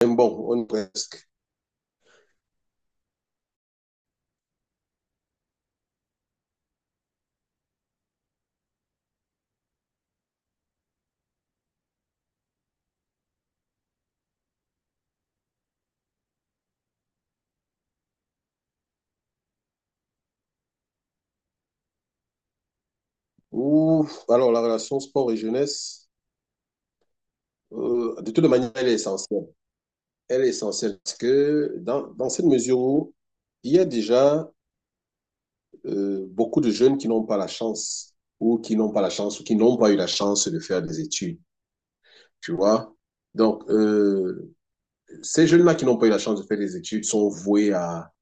Mais bon, on est presque. Ouh, alors, la relation sport et jeunesse, de toute manière, elle est essentielle. Elle est essentielle parce que dans cette mesure où il y a déjà beaucoup de jeunes qui n'ont pas la chance ou qui n'ont pas la chance ou qui n'ont pas eu la chance de faire des études, tu vois. Donc, ces jeunes-là qui n'ont pas eu la chance de faire des études sont voués à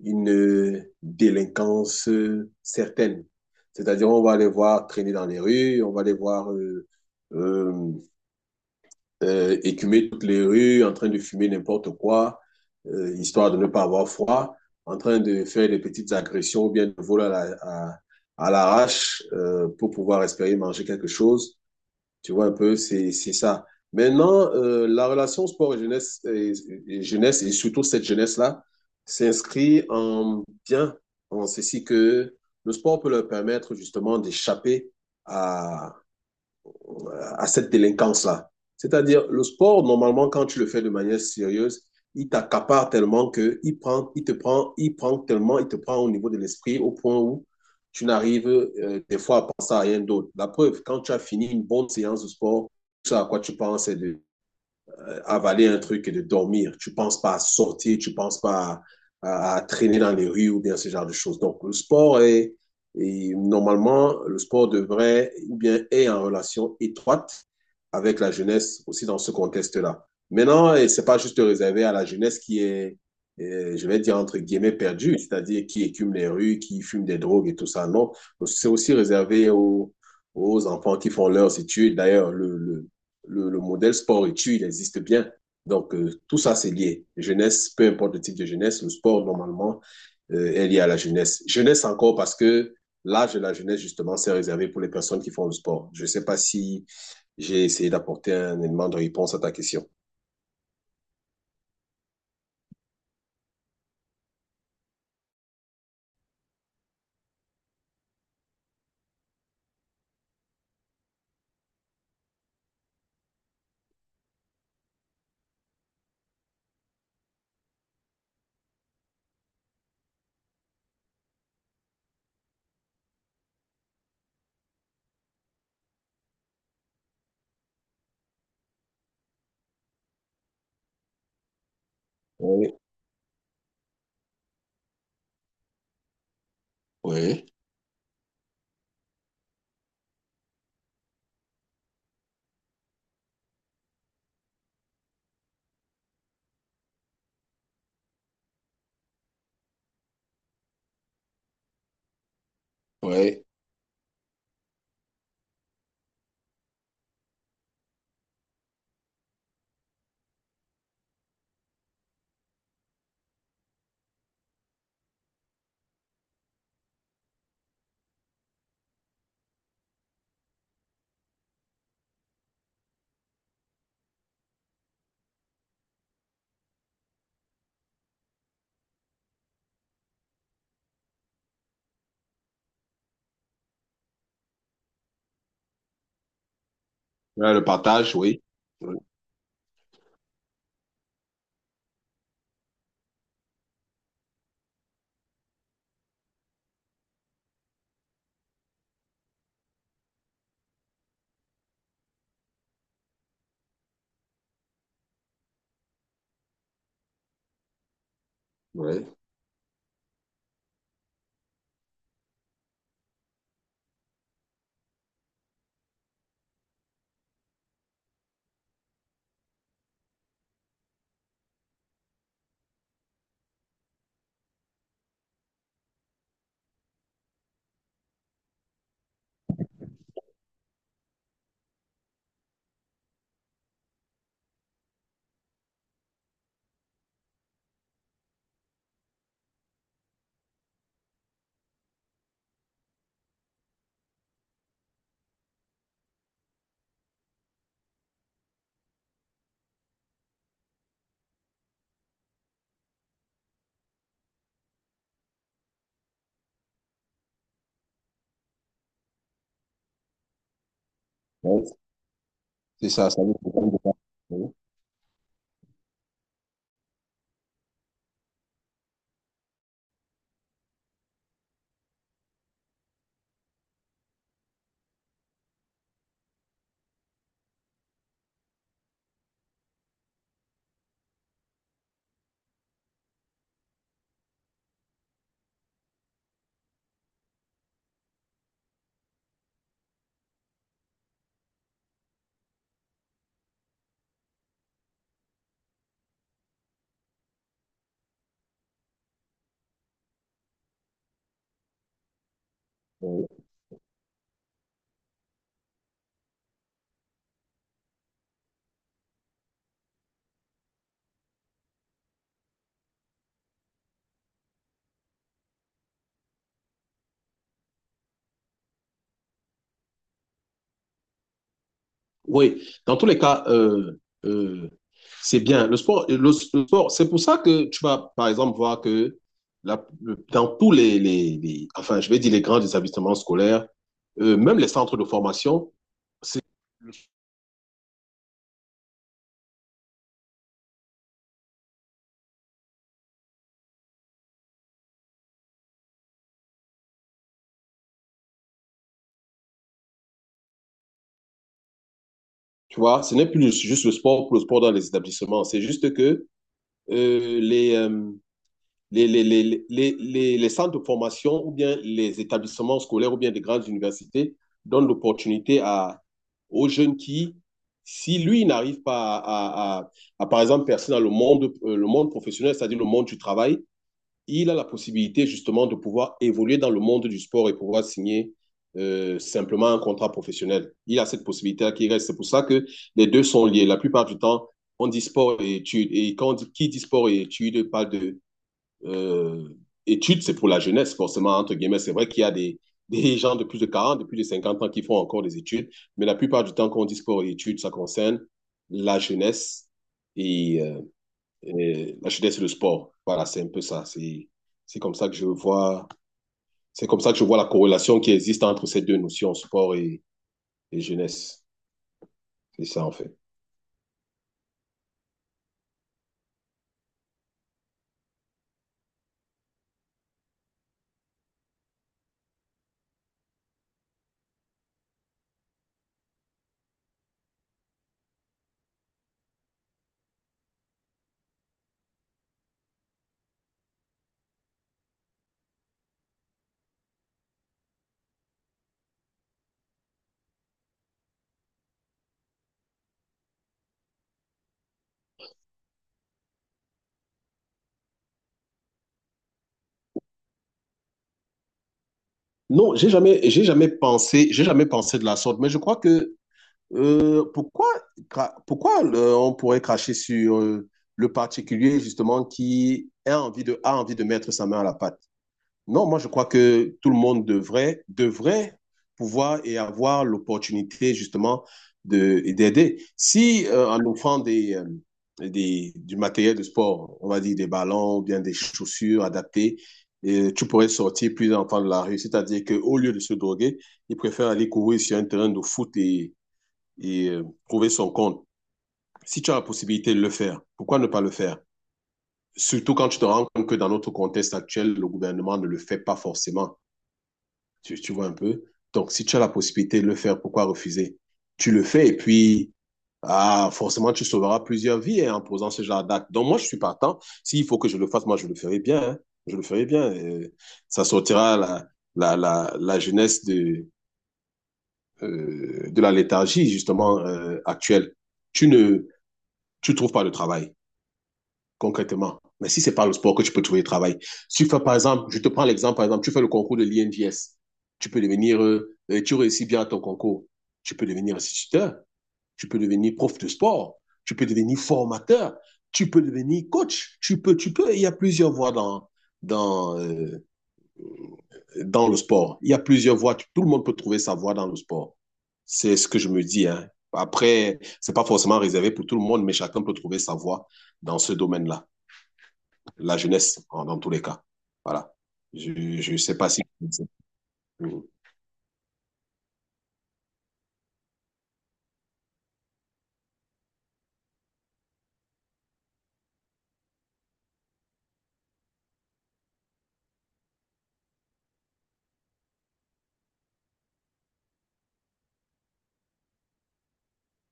une délinquance certaine. C'est-à-dire, on va les voir traîner dans les rues, on va les voir euh, écumer toutes les rues, en train de fumer n'importe quoi, histoire de ne pas avoir froid, en train de faire des petites agressions ou bien de voler à l'arrache la, pour pouvoir espérer manger quelque chose. Tu vois un peu, c'est ça. Maintenant, la relation sport et jeunesse, et surtout cette jeunesse-là, s'inscrit en bien, en ceci que le sport peut leur permettre justement d'échapper à cette délinquance-là. C'est-à-dire, le sport, normalement, quand tu le fais de manière sérieuse, il t'accapare tellement que il prend, il te prend, il prend tellement, il te prend au niveau de l'esprit au point où tu n'arrives des fois à penser à rien d'autre. La preuve, quand tu as fini une bonne séance de sport, ce à quoi tu penses, c'est de avaler un truc et de dormir. Tu ne penses pas à sortir, tu ne penses pas à traîner dans les rues ou bien ce genre de choses. Donc, le sport est, et normalement, le sport devrait ou bien est en relation étroite avec la jeunesse aussi dans ce contexte-là. Maintenant, ce n'est pas juste réservé à la jeunesse qui est, je vais dire entre guillemets, perdue, c'est-à-dire qui écume les rues, qui fume des drogues et tout ça. Non, c'est aussi réservé aux, aux enfants qui font leurs études. D'ailleurs, le modèle sport-études, il existe bien. Donc, tout ça, c'est lié. Jeunesse, peu importe le type de jeunesse, le sport, normalement, est lié à la jeunesse. Jeunesse encore parce que l'âge de la jeunesse, justement, c'est réservé pour les personnes qui font du sport. Je ne sais pas si j'ai essayé d'apporter un élément de réponse à ta question. Oui, oui, oui. Là, le partage, oui. Oui. Oui. Ouais, c'est ça, ça veut dire qu'on doit- oui, oui. Oui, dans tous les cas, euh, c'est bien. Le sport, le sport, c'est pour ça que tu vas, par exemple, voir que la- le- dans tous les- enfin, je vais dire les grands établissements scolaires, même les centres de formation, c'est, tu vois, ce n'est plus juste le sport pour le sport dans les établissements. C'est juste que euh, les, euh, les centres de formation ou bien les établissements scolaires ou bien des grandes universités donnent l'opportunité à, aux jeunes qui, si lui n'arrive pas à, par exemple, percer dans le monde professionnel, c'est-à-dire le monde du travail, il a la possibilité justement de pouvoir évoluer dans le monde du sport et pouvoir signer simplement un contrat professionnel. Il a cette possibilité-là qui reste. C'est pour ça que les deux sont liés. La plupart du temps, on dit sport et études. Et quand on dit, qui dit sport et études, parle de euh, études, c'est pour la jeunesse, forcément, entre guillemets. C'est vrai qu'il y a des gens de plus de 40, de plus de 50 ans qui font encore des études, mais la plupart du temps, quand on dit sport et études, ça concerne la jeunesse et, euh, et la jeunesse et le sport. Voilà, c'est un peu ça. C'est comme ça que je vois, c'est comme ça que je vois la corrélation qui existe entre ces deux notions, sport et jeunesse. C'est ça, en fait. Non, j'ai jamais pensé de la sorte, mais je crois que pourquoi on pourrait cracher sur le particulier justement qui a envie de mettre sa main à la pâte? Non, moi je crois que tout le monde devrait pouvoir et avoir l'opportunité justement de, et d'aider. Si en offrant du matériel de sport, on va dire des ballons ou bien des chaussures adaptées, tu pourrais sortir plus d'enfants de la rue. C'est-à-dire qu'au lieu de se droguer, ils préfèrent aller courir sur un terrain de foot et trouver son compte. Si tu as la possibilité de le faire, pourquoi ne pas le faire? Surtout quand tu te rends compte que dans notre contexte actuel, le gouvernement ne le fait pas forcément. Tu vois un peu? Donc, si tu as la possibilité de le faire, pourquoi refuser? Tu le fais et puis, ah, forcément, tu sauveras plusieurs vies hein, en posant ce genre d'acte. Donc, moi, je suis partant. S'il faut que je le fasse, moi, je le ferai bien. Hein. Je le ferai bien. Ça sortira la jeunesse de la léthargie, justement, actuelle. Tu ne, tu trouves pas de travail concrètement. Mais si c'est pas le sport que tu peux trouver du travail, si tu fais par exemple, je te prends l'exemple, par exemple, tu fais le concours de l'INGS, tu peux devenir, tu réussis bien à ton concours, tu peux devenir instituteur, tu peux devenir prof de sport, tu peux devenir formateur, tu peux devenir coach, il y a plusieurs voies dans, euh, dans le sport. Il y a plusieurs voies, tout le monde peut trouver sa voie dans le sport. C'est ce que je me dis. Hein. Après, c'est pas forcément réservé pour tout le monde, mais chacun peut trouver sa voie dans ce domaine-là la jeunesse, en- dans tous les cas. Voilà. Je ne sais pas si...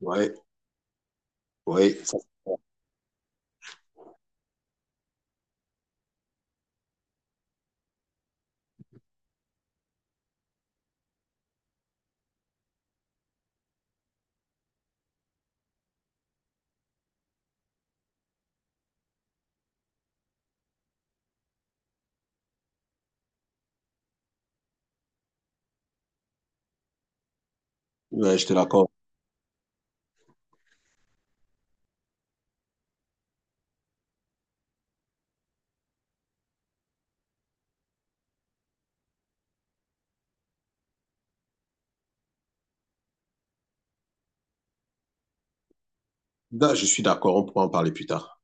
Oui, oui, ça- ouais, je te l'accorde. Je suis d'accord, on pourra en parler plus tard.